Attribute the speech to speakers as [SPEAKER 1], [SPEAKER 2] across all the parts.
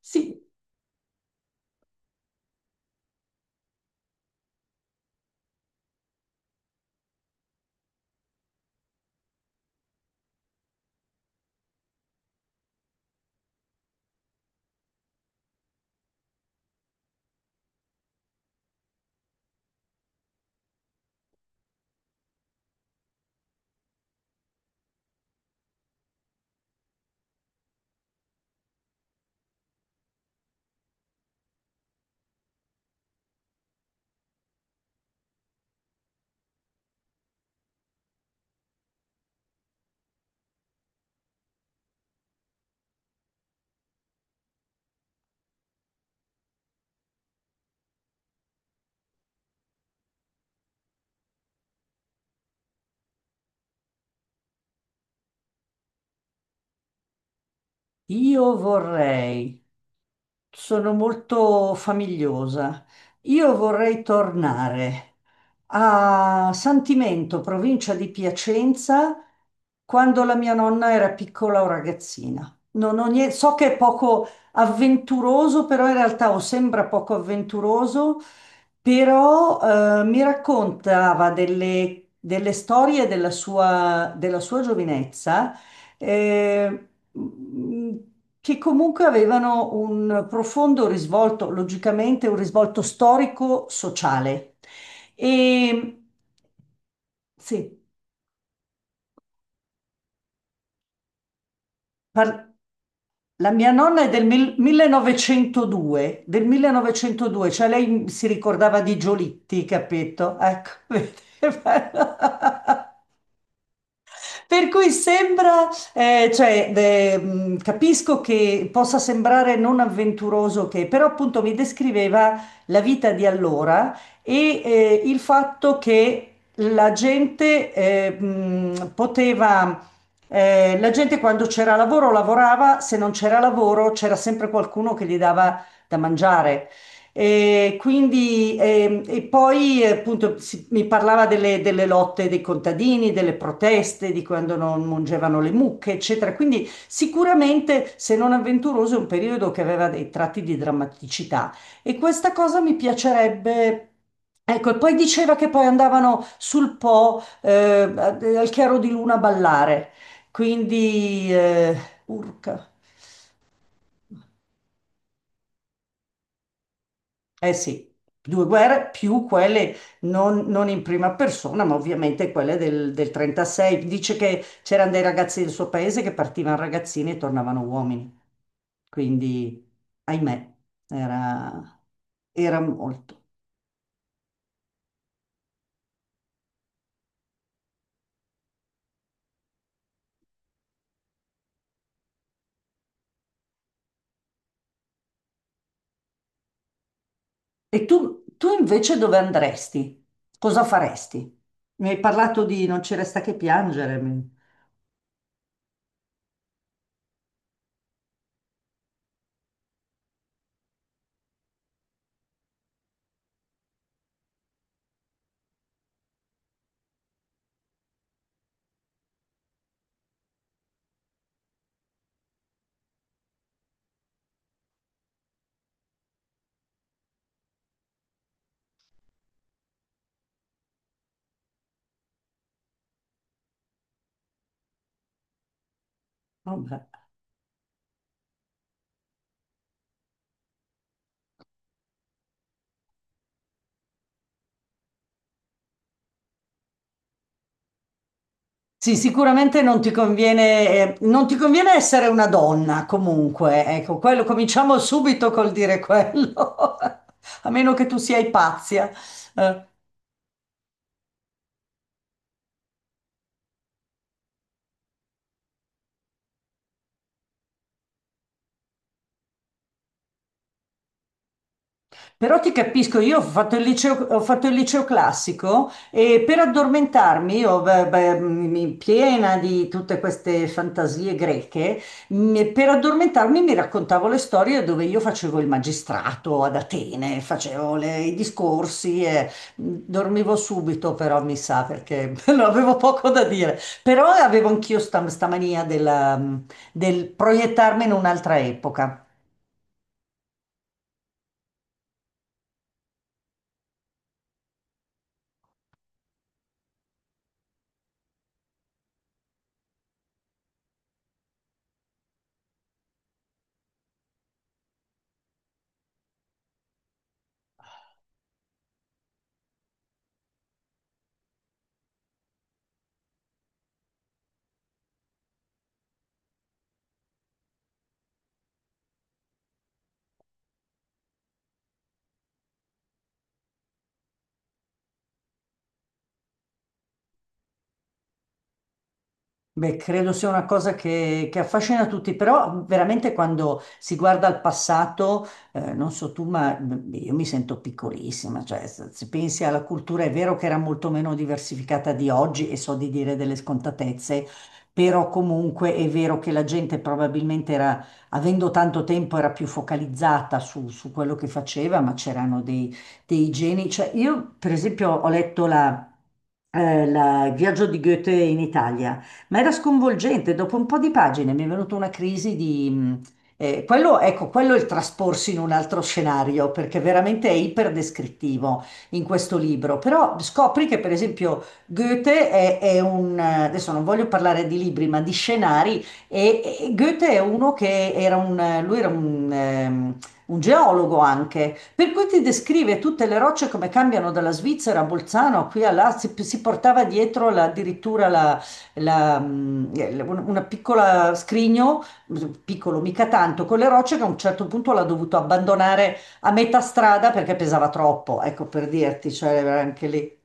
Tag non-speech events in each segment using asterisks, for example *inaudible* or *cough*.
[SPEAKER 1] Sì, io vorrei, sono molto famigliosa, io vorrei tornare a Santimento, provincia di Piacenza, quando la mia nonna era piccola o ragazzina. Non ho so che è poco avventuroso, però in realtà o sembra poco avventuroso, però mi raccontava delle storie della sua giovinezza eh, mh, che comunque avevano un profondo risvolto, logicamente un risvolto storico-sociale. E sì, par- la mia nonna è del 1902, del 1902, cioè lei si ricordava di Giolitti, capito? Ecco, *laughs* vedi? Per cui sembra, cioè, capisco che possa sembrare non avventuroso che, però appunto mi descriveva la vita di allora e il fatto che la gente poteva, la gente quando c'era lavoro lavorava, se non c'era lavoro c'era sempre qualcuno che gli dava da mangiare. E quindi, e poi appunto mi parlava delle lotte dei contadini, delle proteste, di quando non mungevano le mucche, eccetera. Quindi sicuramente, se non avventuroso, è un periodo che aveva dei tratti di drammaticità. E questa cosa mi piacerebbe. Ecco, e poi diceva che poi andavano sul Po, al chiaro di luna a ballare. Quindi, urca. Eh sì, due guerre più quelle non, non in prima persona, ma ovviamente quelle del 36. Dice che c'erano dei ragazzi del suo paese che partivano ragazzini e tornavano uomini. Quindi, ahimè, era, era molto. E tu invece dove andresti? Cosa faresti? Mi hai parlato di Non ci resta che piangere. Vabbè. Sì, sicuramente non ti conviene, non ti conviene essere una donna comunque, ecco, quello cominciamo subito col dire quello, *laughs* a meno che tu sia Ipazia. Eh. Però ti capisco, io ho fatto il liceo, ho fatto il liceo classico e per addormentarmi, io, piena di tutte queste fantasie greche, per addormentarmi mi raccontavo le storie dove io facevo il magistrato ad Atene, facevo i discorsi e dormivo subito, però mi sa perché *laughs* non avevo poco da dire. Però avevo anch'io sta mania del proiettarmi in un'altra epoca. Beh, credo sia una cosa che affascina tutti, però veramente quando si guarda al passato, non so tu, ma io mi sento piccolissima, cioè se pensi alla cultura è vero che era molto meno diversificata di oggi e so di dire delle scontatezze, però comunque è vero che la gente probabilmente era, avendo tanto tempo, era più focalizzata su quello che faceva, ma c'erano dei geni. Cioè, io per esempio ho letto il viaggio di Goethe in Italia, ma era sconvolgente. Dopo un po' di pagine mi è venuta una crisi di quello, ecco, quello è il trasporsi in un altro scenario, perché veramente è iperdescrittivo in questo libro. Però scopri che, per esempio, Goethe è un adesso non voglio parlare di libri, ma di scenari, e Goethe è uno che era un lui era un un geologo anche, per cui ti descrive tutte le rocce come cambiano dalla Svizzera a Bolzano, qui a là, si portava dietro la- addirittura la, la- un- una piccola scrigno, piccolo mica tanto, con le rocce che a un certo punto l'ha dovuto abbandonare a metà strada perché pesava troppo, ecco per dirti, cioè era anche lì.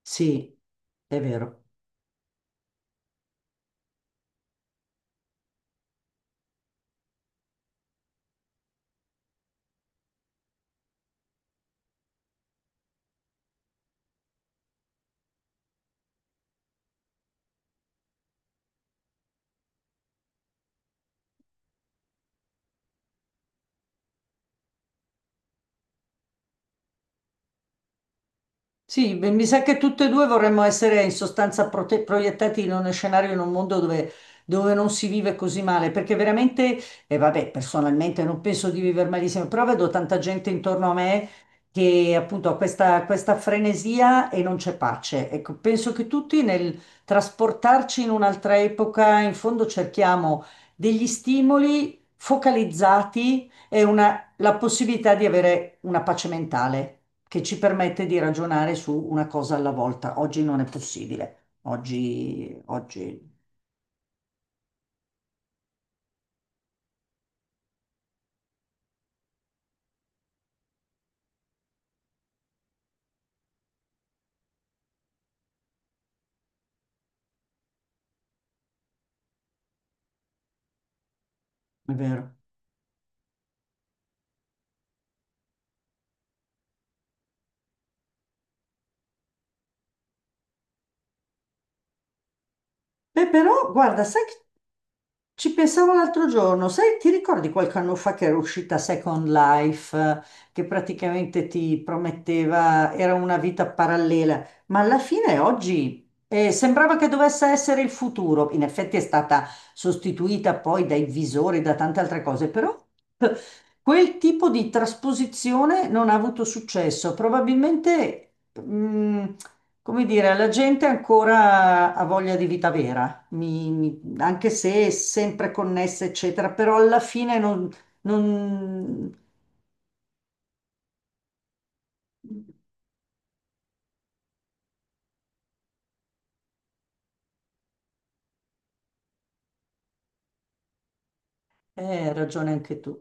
[SPEAKER 1] Sì, è vero. Sì, beh, mi sa che tutte e due vorremmo essere in sostanza proiettati in uno scenario, in un mondo dove non si vive così male, perché veramente, e vabbè, personalmente non penso di vivere malissimo, però vedo tanta gente intorno a me che appunto ha questa frenesia e non c'è pace. Ecco, penso che tutti nel trasportarci in un'altra epoca, in fondo cerchiamo degli stimoli focalizzati, la possibilità di avere una pace mentale che ci permette di ragionare su una cosa alla volta. Oggi non è possibile. Oggi. È vero. Beh, però, guarda, sai che ci pensavo l'altro giorno, sai, ti ricordi qualche anno fa che era uscita Second Life, che praticamente ti prometteva, era una vita parallela, ma alla fine oggi sembrava che dovesse essere il futuro. In effetti è stata sostituita poi dai visori, da tante altre cose, però *laughs* eh, quel tipo di trasposizione non ha avuto successo. Probabilmente, mm, come dire, la gente ancora ha voglia di vita vera, mi mi anche se è sempre connessa, eccetera, però alla fine non. Hai ragione anche tu.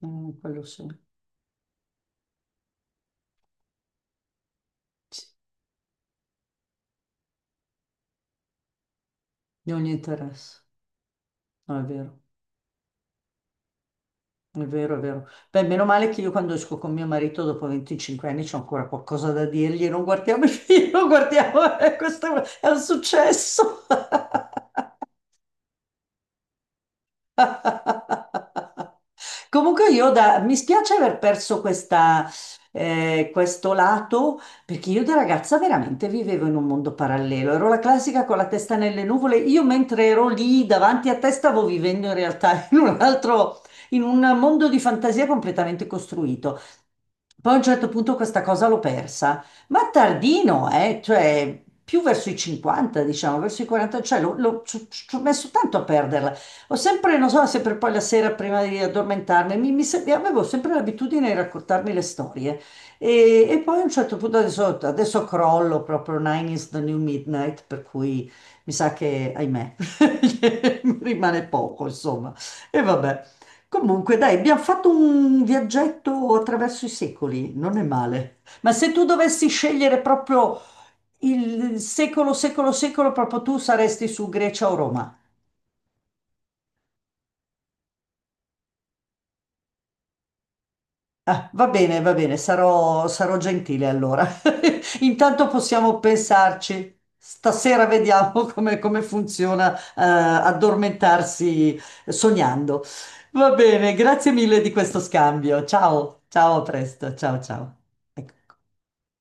[SPEAKER 1] Mm, quello sì. Sì, non gli interessa. No, è vero, è vero, è vero. Beh, meno male che io quando esco con mio marito dopo 25 anni c'ho ancora qualcosa da dirgli, non guardiamo i *laughs* film, non guardiamo, *laughs* questo è un successo. *laughs* Comunque io mi spiace aver perso questa, questo lato, perché io da ragazza veramente vivevo in un mondo parallelo. Ero la classica con la testa nelle nuvole. Io mentre ero lì davanti a te stavo vivendo in realtà *laughs* in un mondo di fantasia completamente costruito. Poi a un certo punto questa cosa l'ho persa, ma tardino, cioè più verso i 50, diciamo, verso i 40, cioè ci ho messo tanto a perderla. Ho sempre, non so, sempre poi la sera prima di addormentarmi, avevo sempre l'abitudine di raccontarmi le storie. E poi a un certo punto adesso, adesso crollo proprio Nine is the New Midnight, per cui mi sa che, ahimè, *laughs* mi rimane poco, insomma. E vabbè. Comunque, dai, abbiamo fatto un viaggetto attraverso i secoli, non è male. Ma se tu dovessi scegliere proprio il secolo, secolo, secolo, proprio tu saresti su Grecia o Roma. Ah, va bene, sarò gentile allora. *laughs* Intanto possiamo pensarci. Stasera vediamo *laughs* come funziona, addormentarsi sognando. Va bene, grazie mille di questo scambio. Ciao, ciao, a presto, ciao, ciao. Ecco.